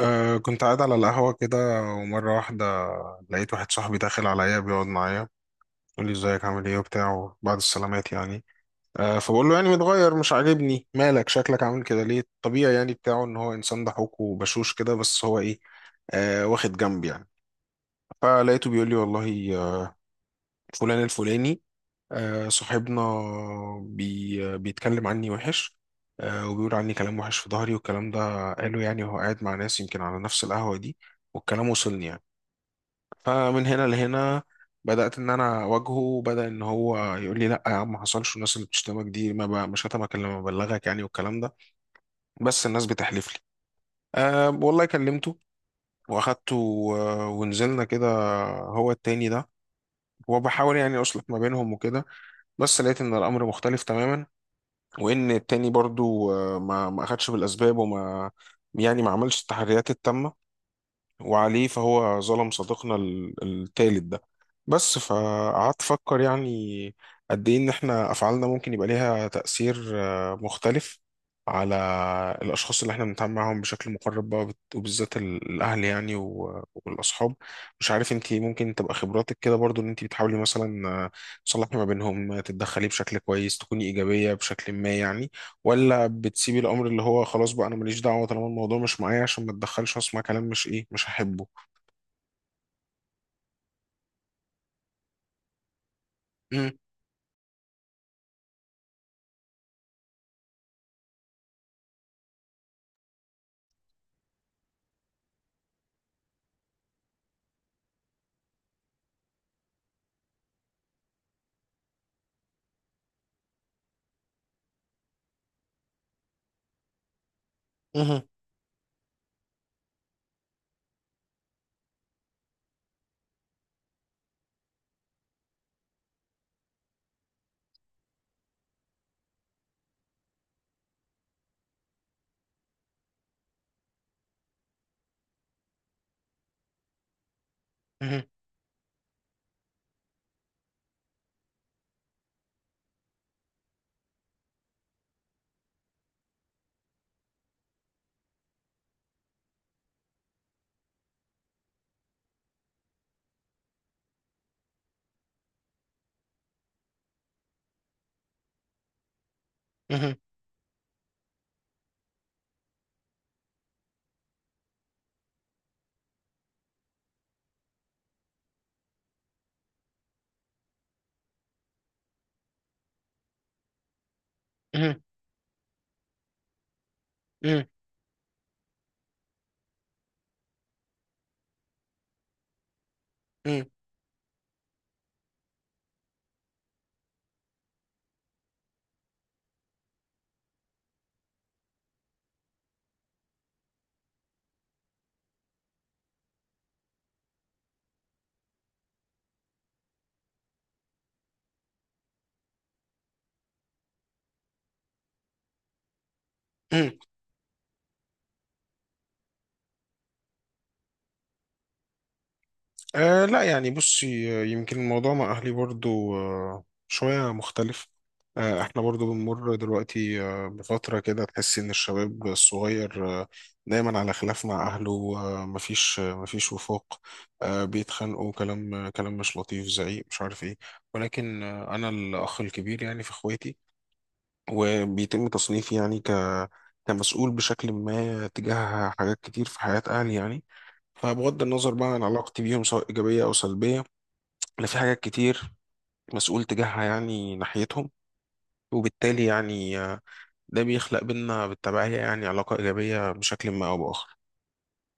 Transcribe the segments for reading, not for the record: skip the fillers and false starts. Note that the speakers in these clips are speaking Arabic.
كنت قاعد على القهوة كده، ومرة واحدة لقيت واحد صاحبي داخل عليا بيقعد معايا، يقول لي ازيك عامل ايه وبتاع بعد السلامات يعني. فبقول له يعني متغير مش عاجبني، مالك شكلك عامل كده ليه؟ طبيعي يعني بتاعه ان هو انسان ضحوك وبشوش كده، بس هو ايه؟ واخد جنب يعني. فلقيته بيقول لي والله، فلان الفلاني، صاحبنا، بي آه، بيتكلم عني وحش. وبيقول عني كلام وحش في ظهري، والكلام ده قاله يعني وهو قاعد مع ناس يمكن على نفس القهوة دي، والكلام وصلني يعني. فمن هنا لهنا بدأت إن أنا أواجهه، وبدأ إن هو يقول لي لأ يا عم ما حصلش، والناس اللي بتشتمك دي ما ب- مش هتمك إلا لما أبلغك يعني والكلام ده. بس الناس بتحلف لي، والله كلمته وأخدته، ونزلنا كده، هو التاني ده، وبحاول يعني أصلح ما بينهم وكده. بس لقيت إن الأمر مختلف تماما، وإن التاني برضو ما أخدش بالأسباب، يعني ما عملش التحريات التامة، وعليه فهو ظلم صديقنا التالت ده. بس فقعدت أفكر يعني قد إيه إن إحنا أفعالنا ممكن يبقى ليها تأثير مختلف على الأشخاص اللي إحنا بنتعامل معاهم بشكل مقرب بقى، وبالذات الأهل يعني، والأصحاب. مش عارف أنت، ممكن تبقى خبراتك كده برضو إن أنت بتحاولي مثلا تصلحي ما بينهم، تتدخلي بشكل كويس، تكوني إيجابية بشكل ما يعني، ولا بتسيبي الامر اللي هو خلاص بقى انا ماليش دعوه طالما الموضوع مش معايا عشان ما اتدخلش واسمع كلام مش ايه مش هحبه؟ مم. مهم. مهم. مهم. مهم. مهم. مهم. لا يعني بصي، يمكن الموضوع مع أهلي برضو شوية مختلف. احنا برضو بنمر دلوقتي بفترة كده، تحس إن الشباب الصغير دايما على خلاف مع أهله. مفيش مفيش وفاق. بيتخانقوا كلام كلام مش لطيف، زعيق، مش عارف إيه. ولكن أنا الأخ الكبير يعني في إخواتي، وبيتم تصنيفي يعني كمسؤول بشكل ما تجاه حاجات كتير في حياة أهلي يعني. فبغض النظر بقى عن علاقتي بيهم، سواء إيجابية أو سلبية، أنا في حاجات كتير مسؤول تجاهها يعني ناحيتهم. وبالتالي يعني ده بيخلق بينا بالتبعية يعني علاقة إيجابية بشكل ما أو بآخر.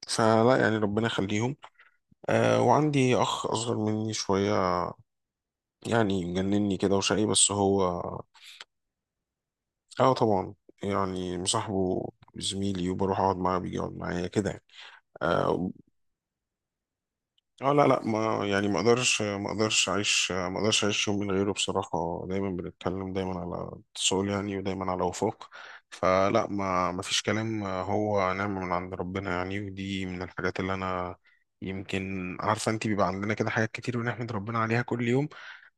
فلا يعني ربنا يخليهم. وعندي أخ أصغر مني شوية، يعني مجنني كده وشقي بس هو، اه طبعا، يعني مصاحبه، زميلي، وبروح أقعد معاه بيجي يقعد معايا كده يعني، آه، اه لا لا، ما اقدرش اعيش يوم من غيره بصراحة. دايما بنتكلم، دايما على اتصال يعني، ودايما على وفاق. فلا، ما فيش كلام، هو نعمة من عند ربنا يعني. ودي من الحاجات اللي انا، يمكن عارفة انت، بيبقى عندنا كده حاجات كتير بنحمد ربنا عليها كل يوم.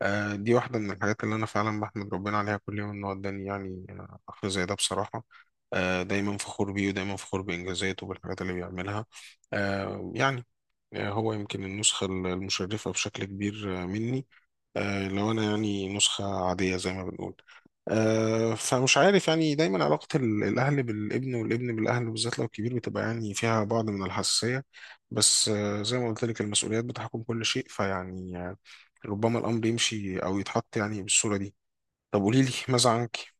دي واحدة من الحاجات اللي انا فعلا بحمد ربنا عليها كل يوم، انه اداني يعني اخ زي ده بصراحة. دايما فخور بيه، ودايما فخور بإنجازاته وبالحاجات اللي بيعملها. يعني هو يمكن النسخة المشرفة بشكل كبير مني. لو أنا يعني نسخة عادية زي ما بنقول. فمش عارف يعني، دايما علاقة الأهل بالابن، والابن بالأهل، بالذات لو كبير، بتبقى يعني فيها بعض من الحساسية. بس زي ما قلت لك، المسؤوليات بتحكم كل شيء. فيعني ربما الأمر يمشي أو يتحط يعني بالصورة دي. طب قولي لي، ماذا عنك؟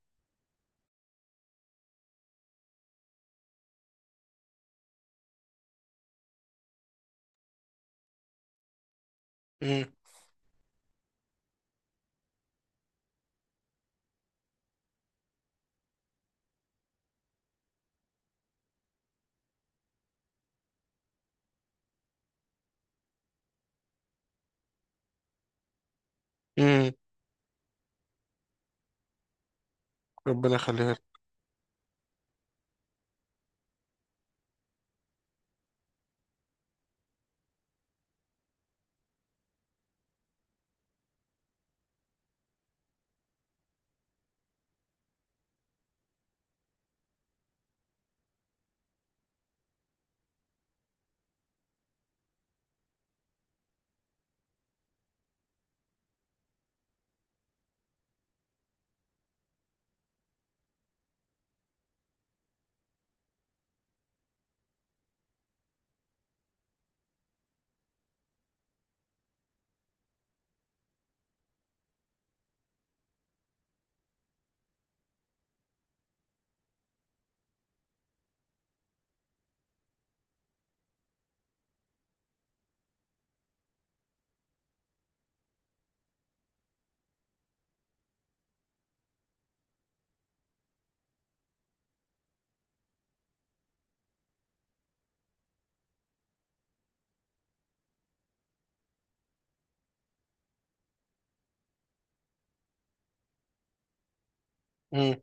مم. مم. ربنا يخليها لك.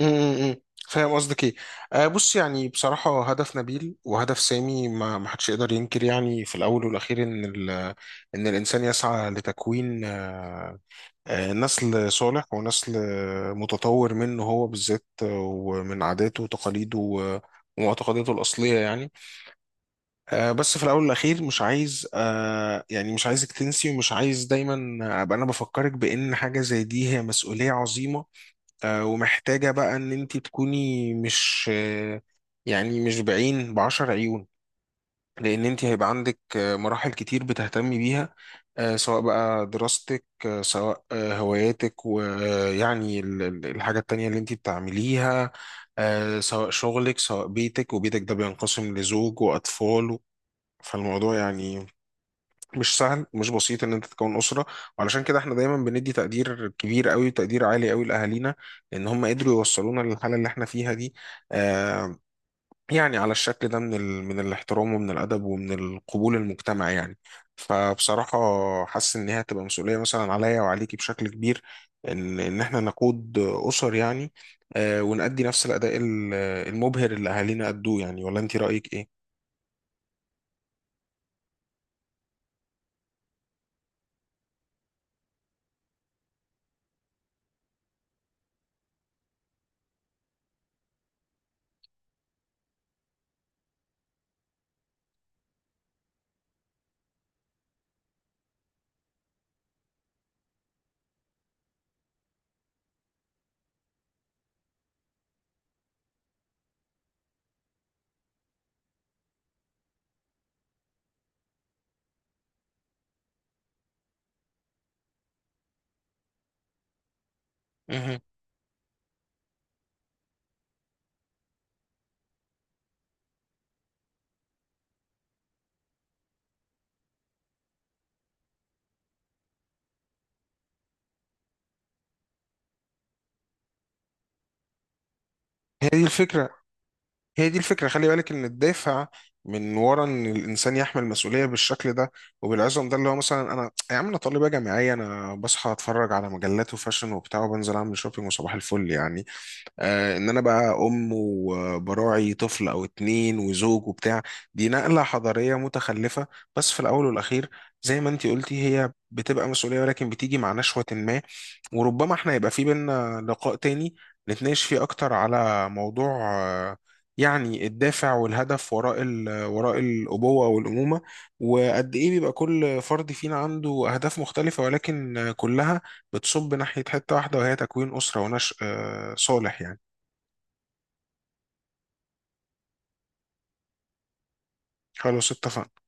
امم فاهم قصدك ايه. بص يعني بصراحة، هدف نبيل وهدف سامي، ما حدش يقدر ينكر يعني في الأول والأخير إن إن الإنسان يسعى لتكوين نسل صالح ونسل متطور منه هو بالذات، ومن عاداته وتقاليده ومعتقداته الأصلية يعني. بس في الأول والأخير مش عايز، يعني مش عايزك تنسي، ومش عايز دايما أبقى أنا بفكرك بإن حاجة زي دي هي مسؤولية عظيمة. ومحتاجة بقى ان انت تكوني مش يعني مش بعين، بعشر عيون. لان انت هيبقى عندك مراحل كتير بتهتمي بيها، سواء بقى دراستك، سواء هواياتك، ويعني الحاجة التانية اللي انت بتعمليها، سواء شغلك، سواء بيتك، وبيتك ده بينقسم لزوج واطفال. فالموضوع يعني مش سهل، مش بسيط ان انت تكون اسره. وعلشان كده احنا دايما بندي تقدير كبير قوي، وتقدير عالي قوي لاهالينا، ان هم قدروا يوصلونا للحاله اللي احنا فيها دي. آه يعني على الشكل ده من من الاحترام، ومن الادب، ومن القبول المجتمع يعني. فبصراحه حاسس ان هي هتبقى مسؤوليه مثلا عليا وعليكي بشكل كبير، ان احنا نقود اسر يعني. ونأدي نفس الاداء المبهر اللي اهالينا ادوه يعني. ولا انت رايك ايه؟ مهم. هي دي الفكرة، هي دي الفكرة. خلي بالك إن الدافع من ورا إن الإنسان يحمل مسؤولية بالشكل ده وبالعزم ده، اللي هو مثلا أنا يا عم، أنا طالبة جامعية، أنا بصحى أتفرج على مجلات وفاشن وبتاع، وبنزل أعمل شوبينج، وصباح الفل يعني. ان انا بقى ام وبراعي طفل او اتنين وزوج وبتاع، دي نقلة حضارية متخلفة. بس في الاول والاخير، زي ما انتي قلتي، هي بتبقى مسؤولية، ولكن بتيجي مع نشوة ما. وربما احنا يبقى في بينا لقاء تاني نتناقش فيه اكتر على موضوع يعني الدافع والهدف وراء وراء الأبوة والأمومة، وقد إيه بيبقى كل فرد فينا عنده أهداف مختلفة، ولكن كلها بتصب ناحية حتة واحدة، وهي تكوين أسرة ونشء صالح يعني. خلاص اتفقنا.